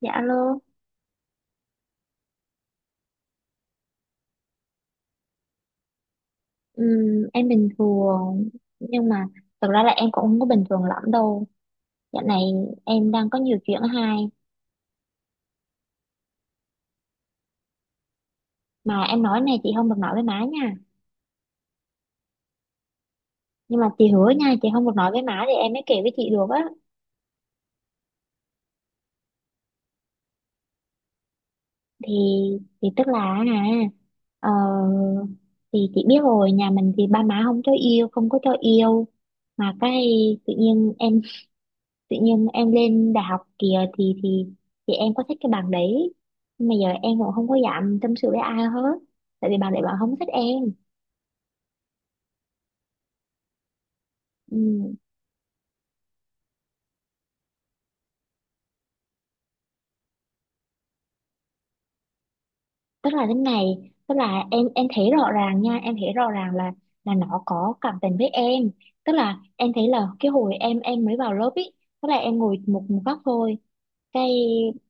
Dạ luôn em bình thường nhưng mà thực ra là em cũng không có bình thường lắm đâu. Dạo này em đang có nhiều chuyện hay mà em nói này chị không được nói với má nha. Nhưng mà chị hứa nha, chị không được nói với má thì em mới kể với chị được á. Thì thì tức là ờ, thì chị biết rồi, nhà mình thì ba má không cho yêu, không có cho yêu mà cái tự nhiên em, tự nhiên em lên đại học kìa thì thì em có thích cái bằng đấy. Nhưng mà giờ em cũng không có dám tâm sự với ai hết tại vì bạn đấy bạn không thích em. Ừ. Tức là thế này, tức là em thấy rõ ràng nha, em thấy rõ ràng là nó có cảm tình với em. Tức là em thấy là cái hồi em mới vào lớp ý, tức là em ngồi một một góc thôi, cái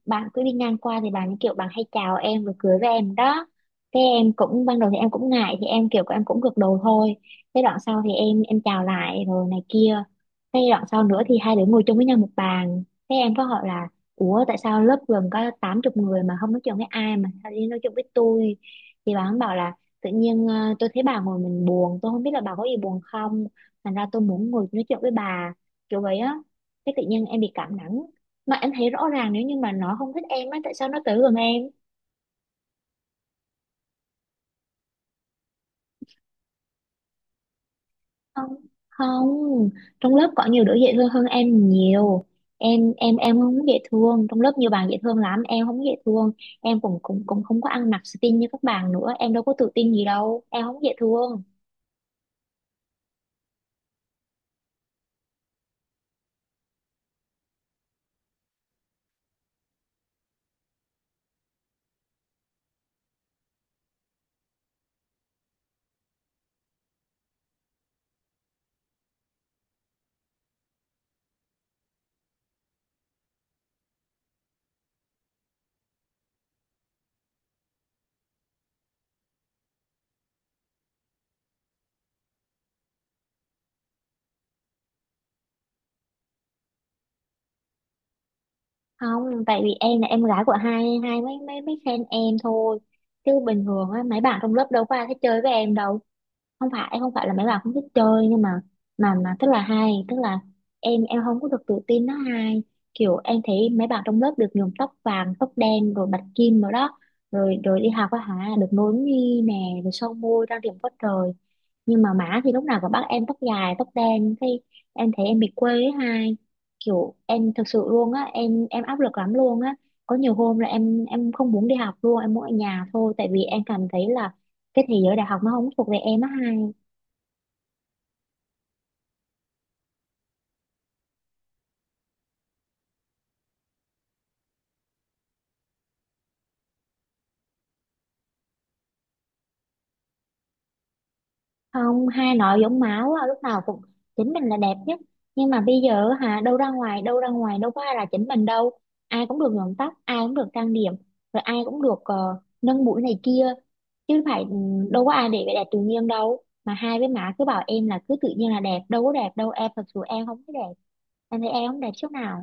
bạn cứ đi ngang qua thì bạn kiểu bạn hay chào em rồi cười với em đó. Cái em cũng ban đầu thì em cũng ngại thì em kiểu em cũng gật đầu thôi. Cái đoạn sau thì em chào lại rồi này kia. Cái đoạn sau nữa thì hai đứa ngồi chung với nhau một bàn. Cái em có hỏi là ủa tại sao lớp gần có tám chục người mà không nói chuyện với ai mà sao đi nói chuyện với tôi. Thì bà bạn bảo là tự nhiên tôi thấy bà ngồi mình buồn, tôi không biết là bà có gì buồn không, thành ra tôi muốn ngồi nói chuyện với bà, kiểu vậy á. Cái tự nhiên em bị cảm nắng mà em thấy rõ ràng nếu như mà nó không thích em á tại sao nó tới gần em. Không, không, trong lớp có nhiều đứa dễ thương hơn em nhiều. Em không dễ thương, trong lớp nhiều bạn dễ thương lắm, em không dễ thương. Em cũng cũng cũng không có ăn mặc xinh như các bạn nữa, em đâu có tự tin gì đâu, em không dễ thương. Không, tại vì em là em gái của hai, hai mấy mấy mấy fan em thôi chứ bình thường á mấy bạn trong lớp đâu có ai thích chơi với em đâu. Không phải em, không phải là mấy bạn không thích chơi nhưng mà mà tức là hay tức là em không có được tự tin nó hay. Kiểu em thấy mấy bạn trong lớp được nhuộm tóc vàng tóc đen rồi bạch kim rồi đó, rồi rồi đi học á hả được nối mi nè rồi son môi trang điểm quá trời. Nhưng mà má thì lúc nào cũng bắt em tóc dài tóc đen, cái em thấy em bị quê ấy hai. Kiểu em thực sự luôn á, em áp lực lắm luôn á. Có nhiều hôm là em không muốn đi học luôn, em muốn ở nhà thôi tại vì em cảm thấy là cái thế giới đại học nó không thuộc về em á hai. Không, hai nội giống máu á, lúc nào cũng chính mình là đẹp nhất. Nhưng mà bây giờ hả đâu, ra ngoài đâu, ra ngoài đâu có ai là chính mình đâu. Ai cũng được nhuộm tóc, ai cũng được trang điểm, rồi ai cũng được nâng mũi này kia chứ phải đâu có ai để vẻ đẹp tự nhiên đâu, mà hai với má cứ bảo em là cứ tự nhiên là đẹp, đâu có đẹp đâu, em thật sự em không có đẹp. Em thấy em không đẹp chút nào.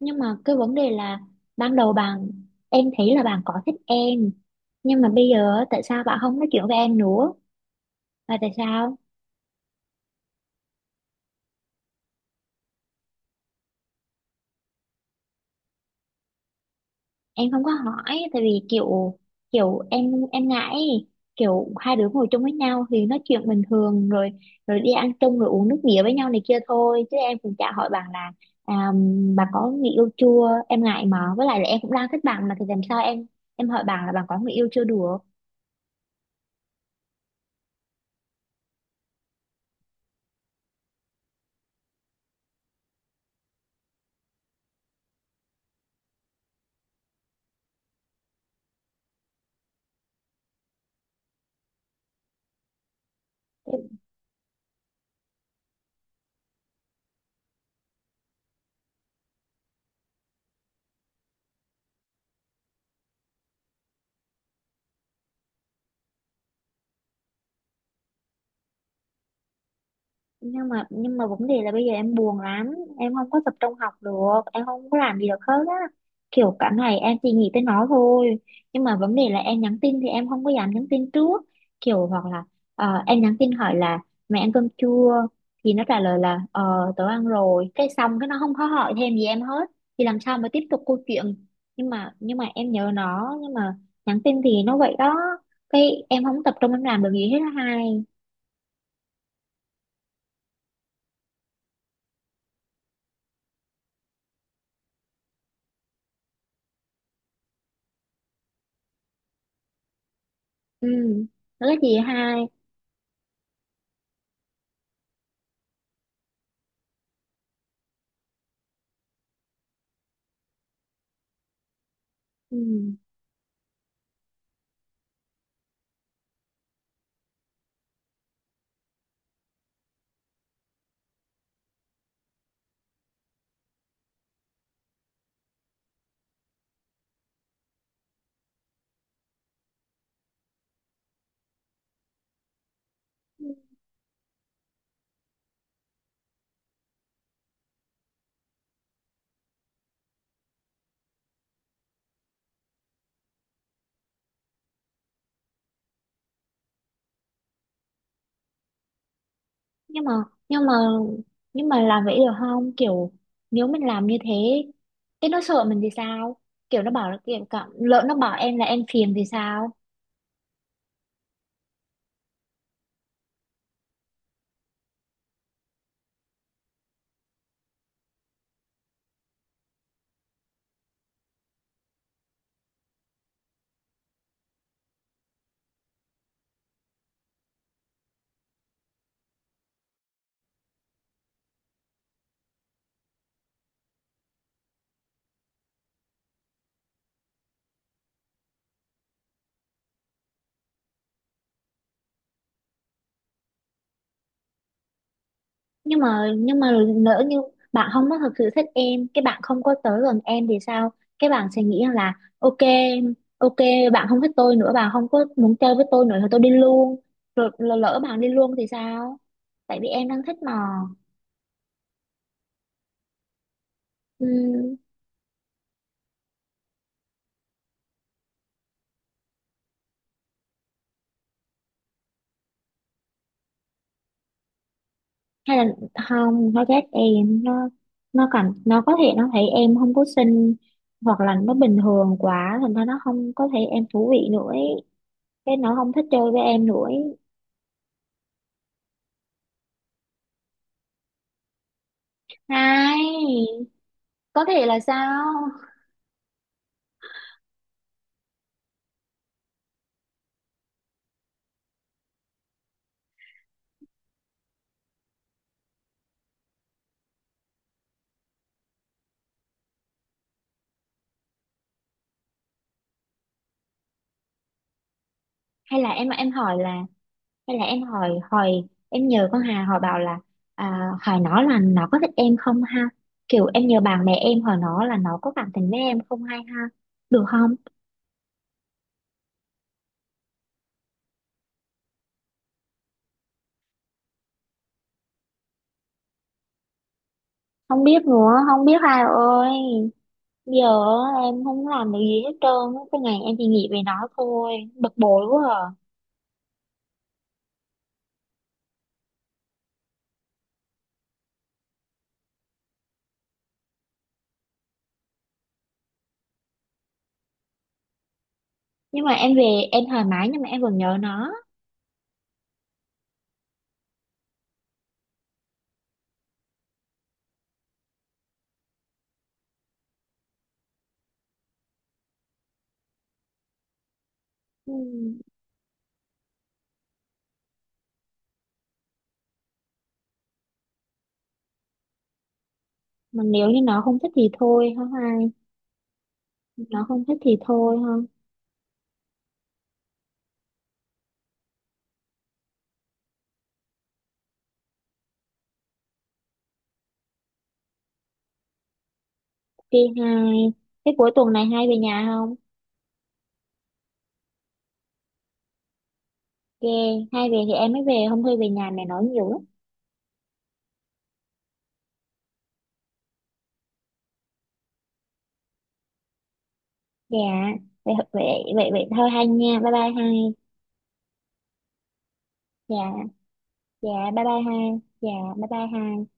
Nhưng mà cái vấn đề là ban đầu bạn, em thấy là bạn có thích em, nhưng mà bây giờ á, tại sao bạn không nói chuyện với em nữa, là tại sao. Em không có hỏi tại vì kiểu kiểu em ngại ấy. Kiểu hai đứa ngồi chung với nhau thì nói chuyện bình thường rồi, rồi đi ăn chung rồi uống nước bia với nhau này kia thôi chứ em cũng chả hỏi bạn là à, bà có người yêu chưa, em ngại mà với lại là em cũng đang thích bạn mà thì làm sao em hỏi bạn là bạn có người yêu chưa được. Nhưng mà vấn đề là bây giờ em buồn lắm, em không có tập trung học được, em không có làm gì được hết á. Kiểu cả ngày em chỉ nghĩ tới nó thôi. Nhưng mà vấn đề là em nhắn tin thì em không có dám nhắn tin trước. Kiểu hoặc là em nhắn tin hỏi là mẹ ăn cơm chưa, thì nó trả lời là ờ tớ ăn rồi cái xong cái nó không có hỏi thêm gì em hết, thì làm sao mà tiếp tục câu chuyện. Nhưng mà em nhớ nó nhưng mà nhắn tin thì nó vậy đó. Cái em không tập trung em làm được gì hết á hai. Ừ, đó là gì hai? Ừ. Nhưng mà nhưng mà nhưng mà làm vậy được không, kiểu nếu mình làm như thế thế nó sợ mình thì sao. Kiểu nó bảo là kiểu cả, lỡ nó bảo em là em phiền thì sao. Nhưng mà lỡ như bạn không có thực sự thích em, cái bạn không có tới gần em thì sao. Cái bạn sẽ nghĩ là ok, ok, bạn không thích tôi nữa, bạn không có muốn chơi với tôi nữa thì tôi đi luôn. Rồi lỡ lỡ bạn đi luôn thì sao, tại vì em đang thích mà. Ừ. Hay là không nó ghét em, nó cảm, nó có thể nó thấy em không có xinh hoặc là nó bình thường quá thành ra nó không có thấy em thú vị nữa ấy. Cái nó không thích chơi với em nữa ấy. Này, có thể là sao? Hay là em hỏi là, hay là em hỏi hỏi, em nhờ con Hà hỏi bảo là hỏi nó là nó có thích em không ha. Kiểu em nhờ bạn bè em hỏi nó là nó có cảm tình với em không hay ha, được không? Không biết nữa, không biết Hà ơi. Giờ á, em không làm được gì hết trơn á. Cái ngày em chỉ nghĩ về nó thôi, bực bội quá à. Nhưng mà em về em thoải mái nhưng mà em vẫn nhớ nó. Ừ, mà nếu như nó không thích thì thôi hả hai? Nó không thích thì thôi không? Đi hai, cái cuối tuần này hai về nhà không? Ghê, hai về thì em mới về, không thôi về nhà mẹ nói nhiều lắm. Dạ. Vậy vậy. Vậy vậy thôi hai nha, bye bye hai. Dạ. Dạ, bye bye hai. Dạ, bye bye hai.